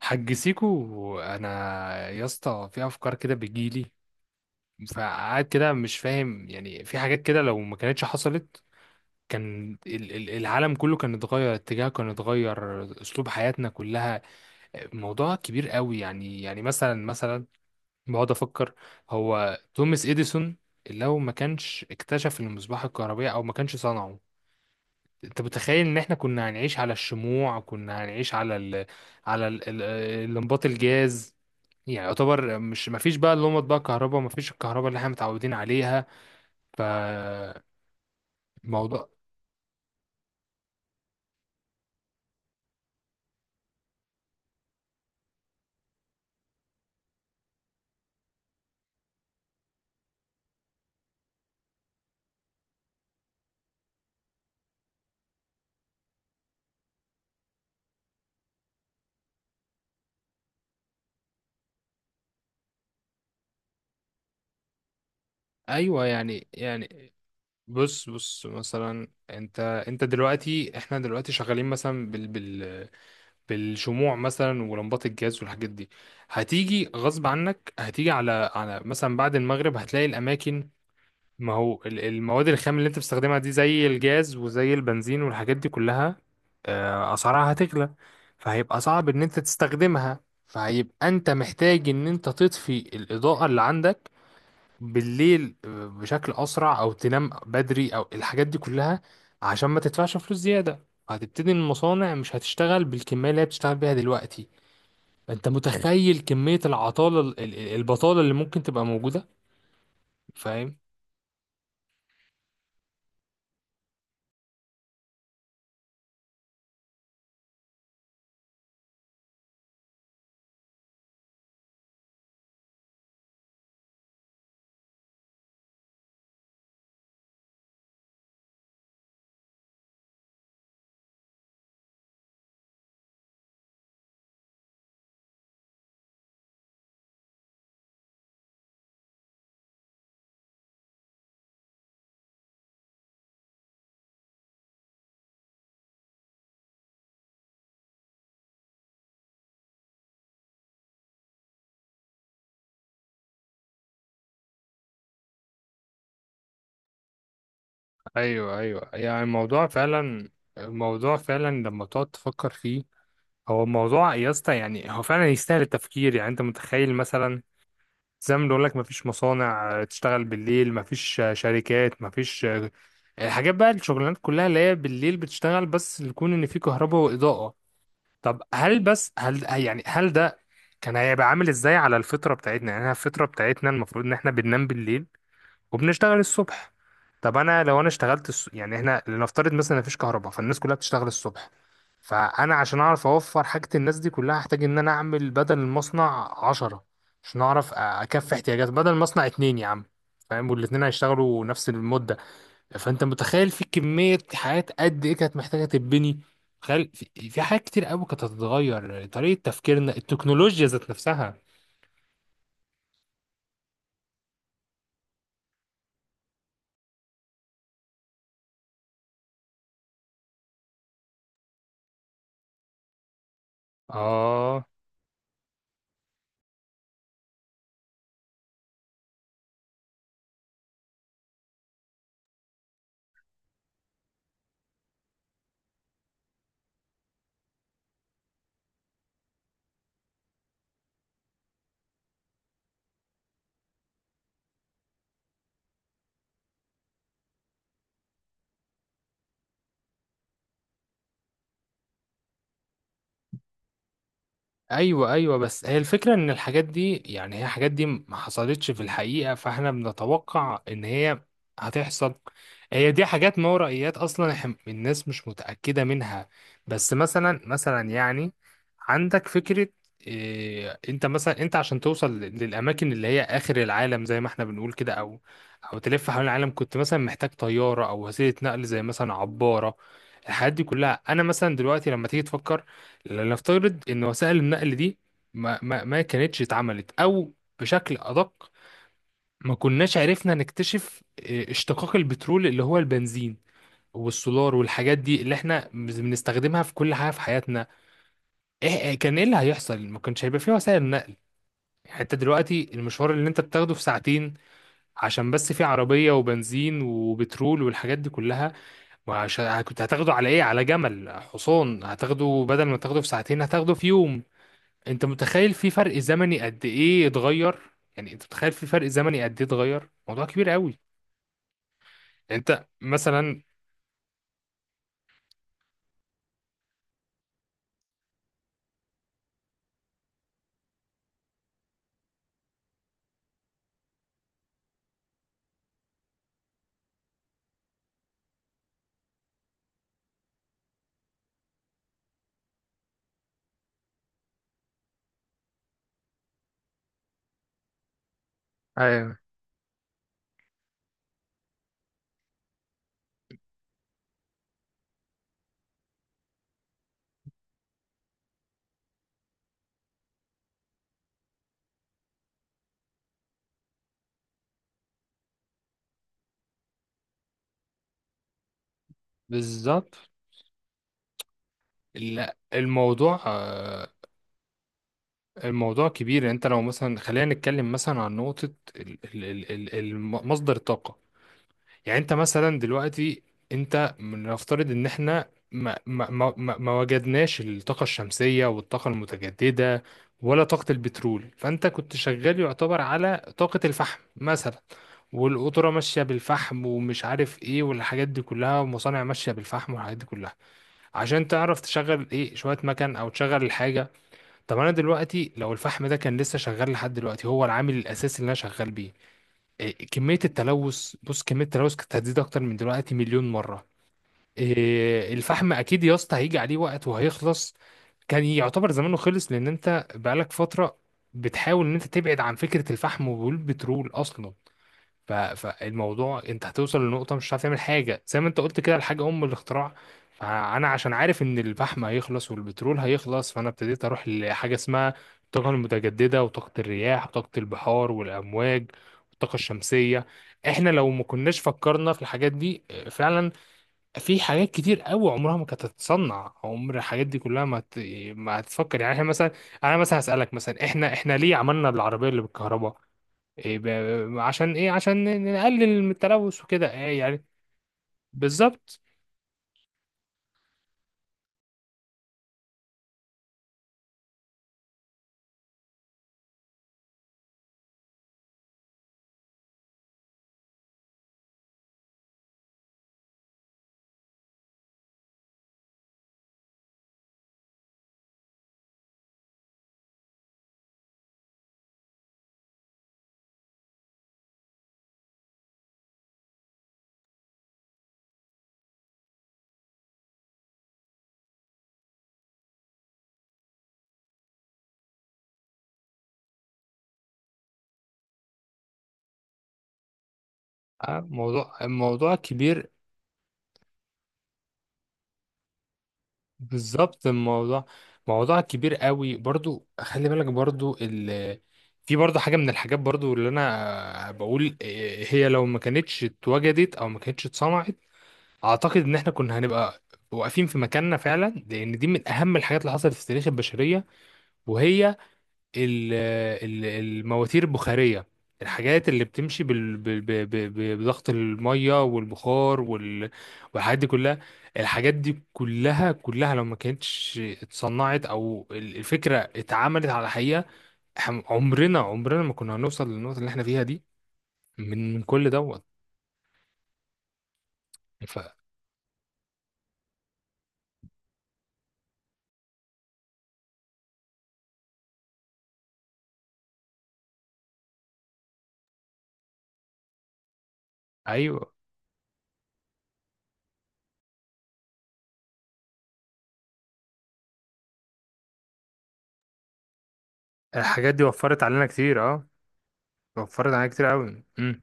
حج سيكو، انا يا اسطى في افكار كده بتجيلي. فقعد كده مش فاهم، يعني في حاجات كده لو ما كانتش حصلت كان العالم كله كان اتغير اتجاهه، كان اتغير اسلوب حياتنا كلها. موضوع كبير قوي يعني. مثلا بقعد افكر. هو توماس اديسون لو ما كانش اكتشف المصباح الكهربائي او ما كانش صنعه، انت متخيل ان احنا كنا هنعيش على الشموع، كنا هنعيش على على ال... ال- الانباط الجاز. يعني يعتبر مش، ما فيش بقى اللي هم بقى كهرباء، ما فيش الكهرباء اللي احنا متعودين عليها. فالموضوع، ايوه. يعني بص بص مثلا، انت دلوقتي احنا دلوقتي شغالين مثلا بالشموع مثلا ولمبات الجاز والحاجات دي. هتيجي غصب عنك، هتيجي على مثلا بعد المغرب هتلاقي الاماكن، ما هو المواد الخام اللي انت بتستخدمها دي زي الجاز وزي البنزين والحاجات دي كلها، اسعارها هتغلى، فهيبقى صعب ان انت تستخدمها. فهيبقى انت محتاج ان انت تطفي الاضاءة اللي عندك بالليل بشكل اسرع، او تنام بدري، او الحاجات دي كلها عشان ما تدفعش فلوس زيادة. هتبتدي المصانع مش هتشتغل بالكمية اللي هي بتشتغل بيها دلوقتي. انت متخيل كمية العطالة، البطالة اللي ممكن تبقى موجودة؟ فاهم؟ ايوه، ايوه. يعني الموضوع فعلا، الموضوع فعلا لما تقعد تفكر فيه، هو الموضوع يا اسطى يعني هو فعلا يستاهل التفكير. يعني انت متخيل مثلا، زي ما بنقول لك، مفيش مصانع تشتغل بالليل، مفيش شركات، مفيش الحاجات بقى، الشغلانات كلها اللي هي بالليل بتشتغل بس يكون ان في كهرباء واضاءة. طب هل، بس هل، يعني هل ده كان هيبقى عامل ازاي على الفطرة بتاعتنا؟ يعني إحنا الفطرة بتاعتنا المفروض ان احنا بننام بالليل وبنشتغل الصبح. طب انا لو اشتغلت يعني احنا لنفترض مثلا مفيش كهرباء، فالناس كلها بتشتغل الصبح. فانا عشان اعرف اوفر حاجة الناس دي كلها، هحتاج ان انا اعمل بدل المصنع 10، عشان اعرف اكفي احتياجات بدل المصنع اتنين يا عم. فاهم؟ والاتنين هيشتغلوا نفس المدة. فانت متخيل في كمية حاجات قد ايه كانت محتاجة تتبني! تخيل، في حاجات كتير قوي كانت هتتغير، طريقة تفكيرنا، التكنولوجيا ذات نفسها. اه، ايوه، ايوه، بس هي الفكره ان الحاجات دي، يعني هي الحاجات دي ما حصلتش في الحقيقه، فاحنا بنتوقع ان هي هتحصل. هي دي حاجات ما ورائيات، اصلا الناس مش متاكده منها. بس مثلا يعني عندك فكره، إيه؟ انت مثلا، عشان توصل للاماكن اللي هي اخر العالم زي ما احنا بنقول كده، او تلف حول العالم، كنت مثلا محتاج طياره او وسيله نقل زي مثلا عباره. الحاجات دي كلها، انا مثلا دلوقتي لما تيجي تفكر، لنفترض ان وسائل النقل دي ما كانتش اتعملت، او بشكل ادق، ما كناش عرفنا نكتشف اشتقاق البترول اللي هو البنزين والسولار والحاجات دي اللي احنا بنستخدمها في كل حاجه في حياتنا. إيه كان ايه اللي هيحصل؟ ما كانش هيبقى فيه وسائل نقل. يعني انت دلوقتي المشوار اللي انت بتاخده في ساعتين، عشان بس فيه عربيه وبنزين وبترول والحاجات دي كلها. وعشان كنت هتاخده على ايه؟ على جمل، حصان، هتاخده بدل ما تاخده في ساعتين هتاخده في يوم. انت متخيل في فرق زمني قد ايه اتغير؟ يعني انت متخيل في فرق زمني قد ايه اتغير؟ موضوع كبير قوي. يعني انت مثلا. ايوه، بالظبط. لا، الموضوع كبير. يعني انت لو مثلا، خلينا نتكلم مثلا عن نقطة مصدر الطاقة. يعني انت مثلا دلوقتي، انت نفترض ان احنا ما وجدناش الطاقة الشمسية والطاقة المتجددة، ولا طاقة البترول، فانت كنت شغال يعتبر على طاقة الفحم مثلا، والقطورة ماشية بالفحم ومش عارف ايه والحاجات دي كلها، ومصانع ماشية بالفحم والحاجات دي كلها عشان تعرف تشغل ايه، شوية مكن او تشغل الحاجة. طب انا دلوقتي لو الفحم ده كان لسه شغال لحد دلوقتي هو العامل الاساسي اللي انا شغال بيه، كمية التلوث، بص كمية التلوث كانت هتزيد أكتر من دلوقتي مليون مرة. الفحم أكيد يا اسطى هيجي عليه وقت وهيخلص، كان يعتبر زمانه خلص، لأن أنت بقالك فترة بتحاول إن أنت تبعد عن فكرة الفحم والبترول أصلا. فالموضوع انت هتوصل لنقطة مش هتعرف تعمل حاجة، زي ما انت قلت كده، الحاجة أم الاختراع. فأنا عشان عارف إن الفحم هيخلص والبترول هيخلص، فأنا ابتديت أروح لحاجة اسمها الطاقة المتجددة، وطاقة الرياح، وطاقة البحار والأمواج، والطاقة الشمسية. احنا لو ما كناش فكرنا في الحاجات دي فعلا، في حاجات كتير قوي عمرها ما كانت هتتصنع. عمر الحاجات دي كلها ما هتفكر. يعني احنا مثلا، انا مثلا هسألك مثلا، احنا ليه عملنا العربية اللي بالكهرباء؟ إيه، عشان ايه؟ عشان نقلل من التلوث وكده، إيه يعني؟ بالظبط. آه، موضوع الموضوع كبير. بالظبط الموضوع، موضوع كبير قوي برضو. خلي بالك برضو في برضو حاجة من الحاجات برضو اللي انا بقول، هي لو ما كانتش اتوجدت او ما كانتش اتصنعت، اعتقد ان احنا كنا هنبقى واقفين في مكاننا فعلا، لان دي من اهم الحاجات اللي حصلت في تاريخ البشرية، وهي ال- المواتير البخارية. الحاجات اللي بتمشي بضغط المية والبخار والحاجات دي كلها. الحاجات دي كلها كلها لو ما كانتش اتصنعت، او الفكرة اتعملت على حقيقة، إحنا عمرنا عمرنا ما كنا هنوصل للنقطة اللي احنا فيها دي، من كل دوت. فأيوه، الحاجات دي وفرت علينا كتير، اه، وفرت علينا كتير قوي.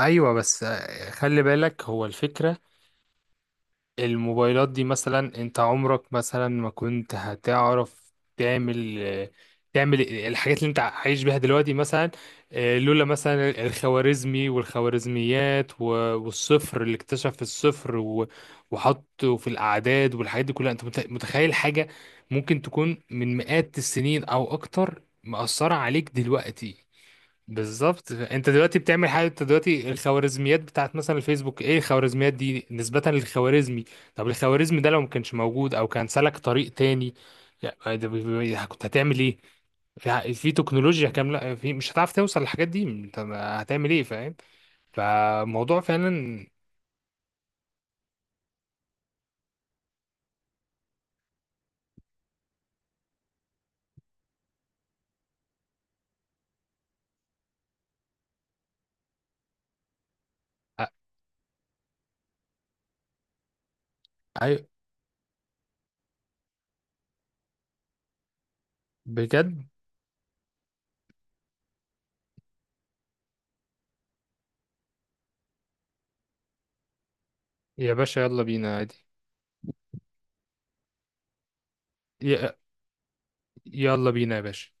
ايوه، بس خلي بالك، هو الفكرة الموبايلات دي مثلا، انت عمرك مثلا ما كنت هتعرف تعمل، تعمل الحاجات اللي انت عايش بيها دلوقتي مثلا. لولا مثلا الخوارزمي والخوارزميات، والصفر اللي اكتشف الصفر وحطه في الأعداد والحاجات دي كلها، انت متخيل حاجة ممكن تكون من مئات السنين او اكتر مأثرة عليك دلوقتي؟ بالظبط. انت دلوقتي بتعمل حاجه، انت دلوقتي الخوارزميات بتاعت مثلا الفيسبوك، ايه الخوارزميات دي؟ نسبه للخوارزمي. طب الخوارزمي ده لو ما كانش موجود او كان سلك طريق تاني، يعني ده كنت هتعمل ايه؟ في تكنولوجيا كامله، في مش هتعرف توصل للحاجات دي، انت هتعمل ايه؟ فاهم؟ فموضوع فعلا. أ- أي- بجد يا باشا يلا بينا عادي. ي- يلا بينا يا باشا.